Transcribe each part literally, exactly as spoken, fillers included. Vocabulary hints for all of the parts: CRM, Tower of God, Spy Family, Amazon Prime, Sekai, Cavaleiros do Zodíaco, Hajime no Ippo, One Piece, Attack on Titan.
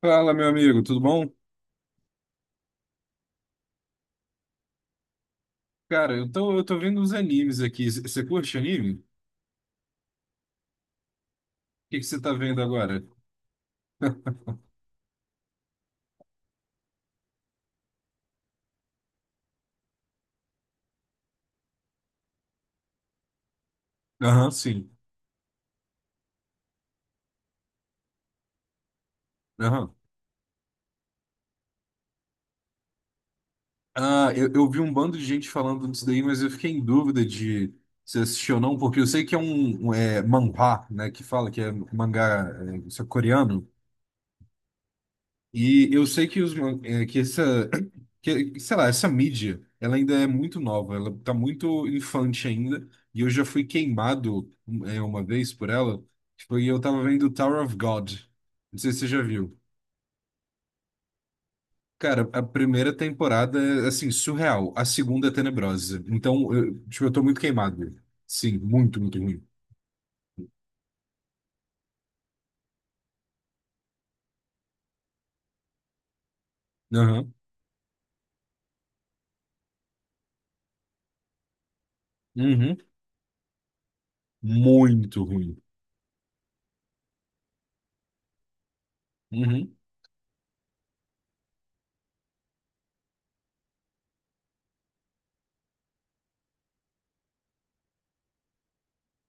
Fala, meu amigo, tudo bom? Cara, eu tô, eu tô vendo uns animes aqui. Você curte anime? O que que você tá vendo agora? Aham, sim. Aham. Ah, eu, eu vi um bando de gente falando disso daí, mas eu fiquei em dúvida de se assistiu ou não, porque eu sei que é um, um, é, manhwa, né, que fala que é mangá é, isso é coreano. E eu sei que os man- eh, que essa que, sei lá, essa mídia, ela ainda é muito nova, ela tá muito infante ainda, e eu já fui queimado eh, uma vez por ela, que foi eu tava vendo Tower of God. Não sei se você já viu. Cara, a primeira temporada é assim, surreal, a segunda é tenebrosa. Então, eu, tipo, eu tô muito queimado. Sim, muito, muito ruim. Aham. Uhum. Muito ruim. Uhum.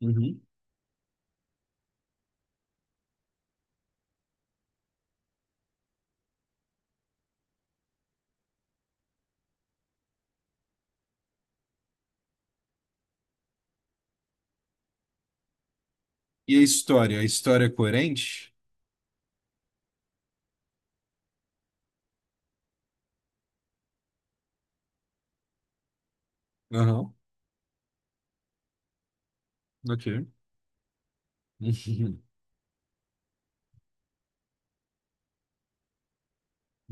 Uhum. E a história? A história é coerente? Aham. Ok. Uhum.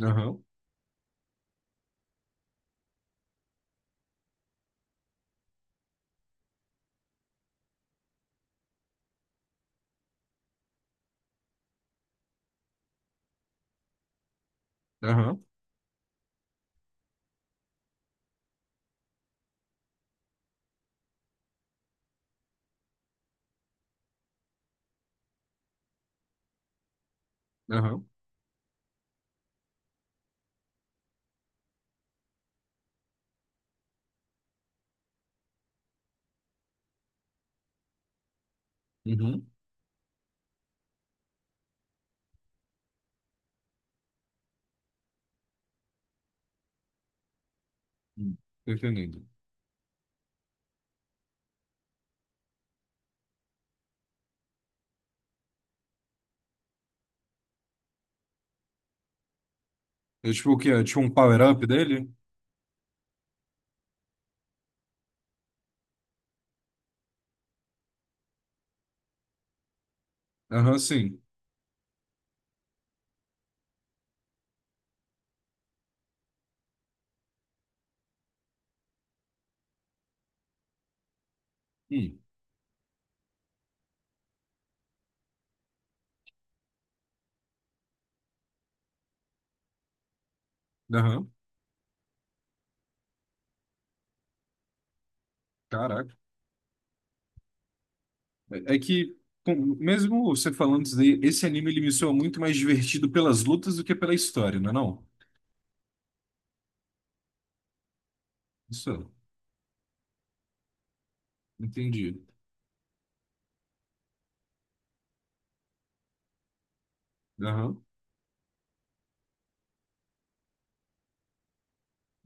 Aham, aham, aham, uhum. Hum, tô entendendo. É tipo o que é? Tipo um power-up dele? Aham, sim. Hum, aham. Caraca. É, é que, com- mesmo você falando isso daí, esse anime ele me soa muito mais divertido pelas lutas do que pela história, não é não? Isso, entendi. Aham.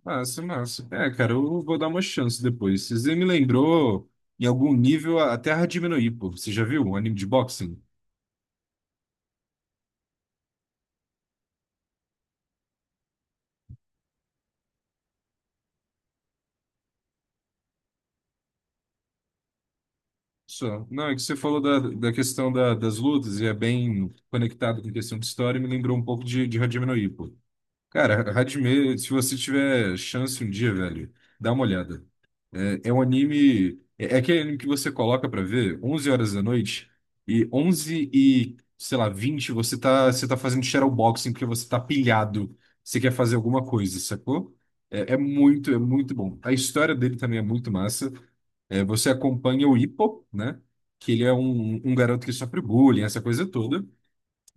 Massa, massa. É, cara, eu vou dar uma chance depois. Você me lembrou, em algum nível, a a Terra diminuir, pô. Você já viu um anime de boxing? Só. Não, é que você falou da, da questão da- das lutas e é bem conectado com a questão de história e me lembrou um pouco de, de Hajime no Ippo. Cara, Hajime, se você tiver chance um dia, velho, dá uma olhada. É, é um anime... É, é aquele anime que você coloca pra ver onze horas da noite e onze e, sei lá, vinte você tá, você tá fazendo shadowboxing porque você tá pilhado, você quer fazer alguma coisa, sacou? É, é muito, é muito bom. A história dele também é muito massa. É, você acompanha o Hippo, né? Que ele é um, um garoto que sofre bullying, essa coisa toda.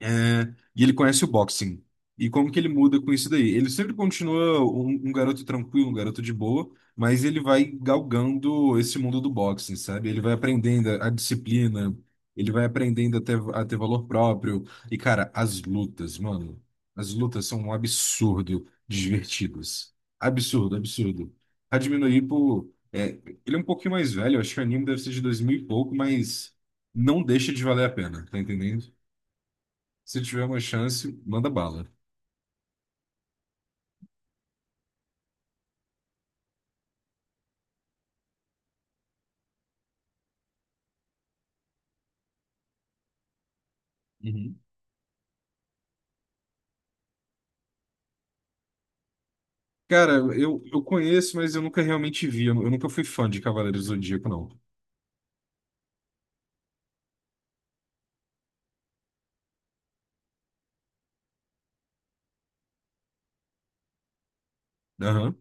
É, e ele conhece o boxing. E como que ele muda com isso daí? Ele sempre continua um, um garoto tranquilo, um garoto de boa, mas ele vai galgando esse mundo do boxing, sabe? Ele vai aprendendo a disciplina, ele vai aprendendo a ter, a ter valor próprio. E, cara, as lutas, mano, as lutas são um absurdo de divertidas. Absurdo, absurdo. Hajime no Ippo, é, ele é um pouquinho mais velho, eu acho que o anime deve ser de dois mil e pouco, mas não deixa de valer a pena, tá entendendo? Se tiver uma chance, manda bala. Uhum. Cara, eu, eu conheço, mas eu nunca realmente vi. Eu, eu nunca fui fã de Cavaleiros do Zodíaco, não. Aham,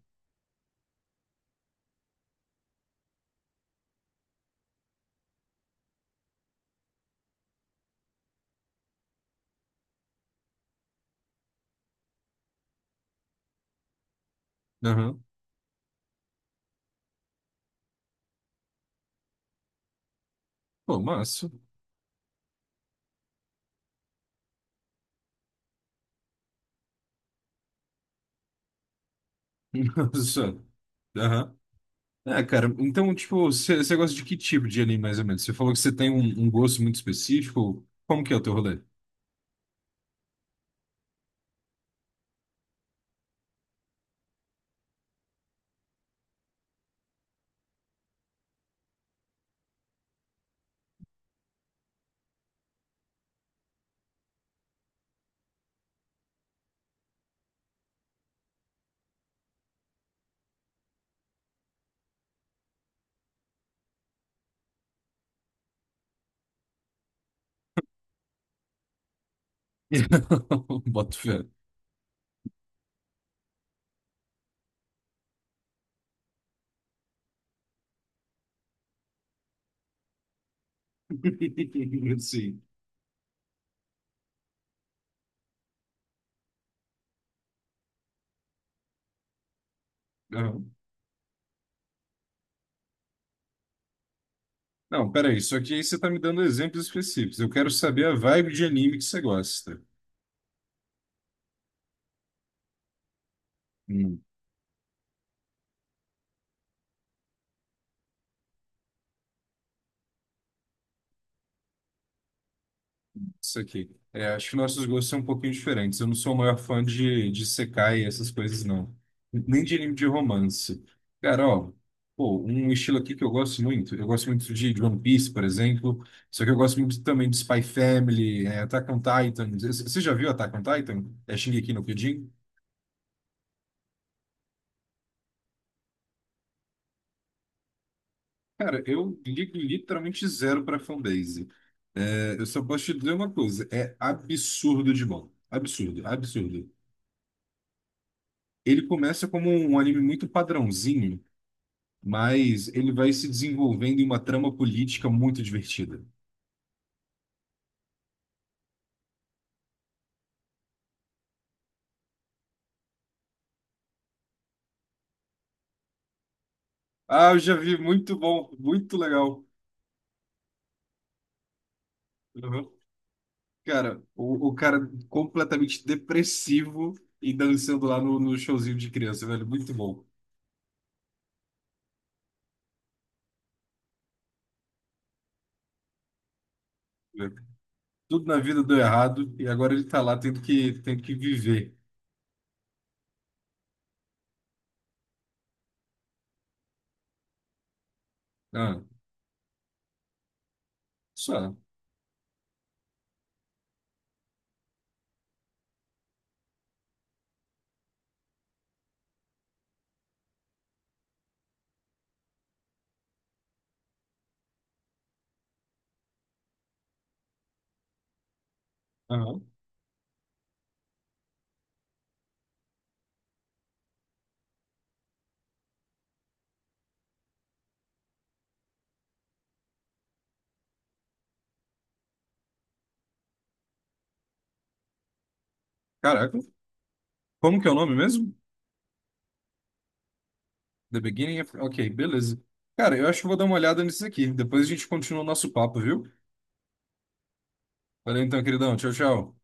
aham. Pô, massa. Só. Aham. É, cara, então, tipo, você você gosta de que tipo de anime, mais ou menos? Você falou que você tem um, um gosto muito específico. Como que é o teu rolê? Boto fé. Sim. Aham. Não, peraí, só que aí você tá me dando exemplos específicos. Eu quero saber a vibe de anime que você gosta. Isso aqui. É, acho que nossos gostos são um pouquinho diferentes. Eu não sou o maior fã de, de Sekai e essas coisas, não. Nem de anime de romance. Cara, ó, pô, um estilo aqui que eu gosto muito. Eu gosto muito de de One Piece, por exemplo. Só que eu gosto muito também de Spy Family, é, Attack on Titan. C- Você já viu Attack on Titan? É Shingeki no Kyojin? Cara, eu ligo literalmente zero pra fanbase. É, eu só posso te dizer uma coisa. É absurdo de bom. Absurdo, absurdo. Ele começa como um anime muito padrãozinho, mas ele vai se desenvolvendo em uma trama política muito divertida. Ah, eu já vi, muito bom, muito legal. Uhum. Cara, o, o cara completamente depressivo e dançando lá no, no showzinho de criança, velho, muito bom. Né? Tudo na vida deu errado e agora ele tá lá tendo que, tendo que viver. Ah, só. Aham. Caraca, como que é o nome mesmo? The beginning of... Ok, beleza. Cara, eu acho que vou dar uma olhada nisso aqui. Depois a gente continua o nosso papo, viu? Valeu então, queridão. Tchau, tchau.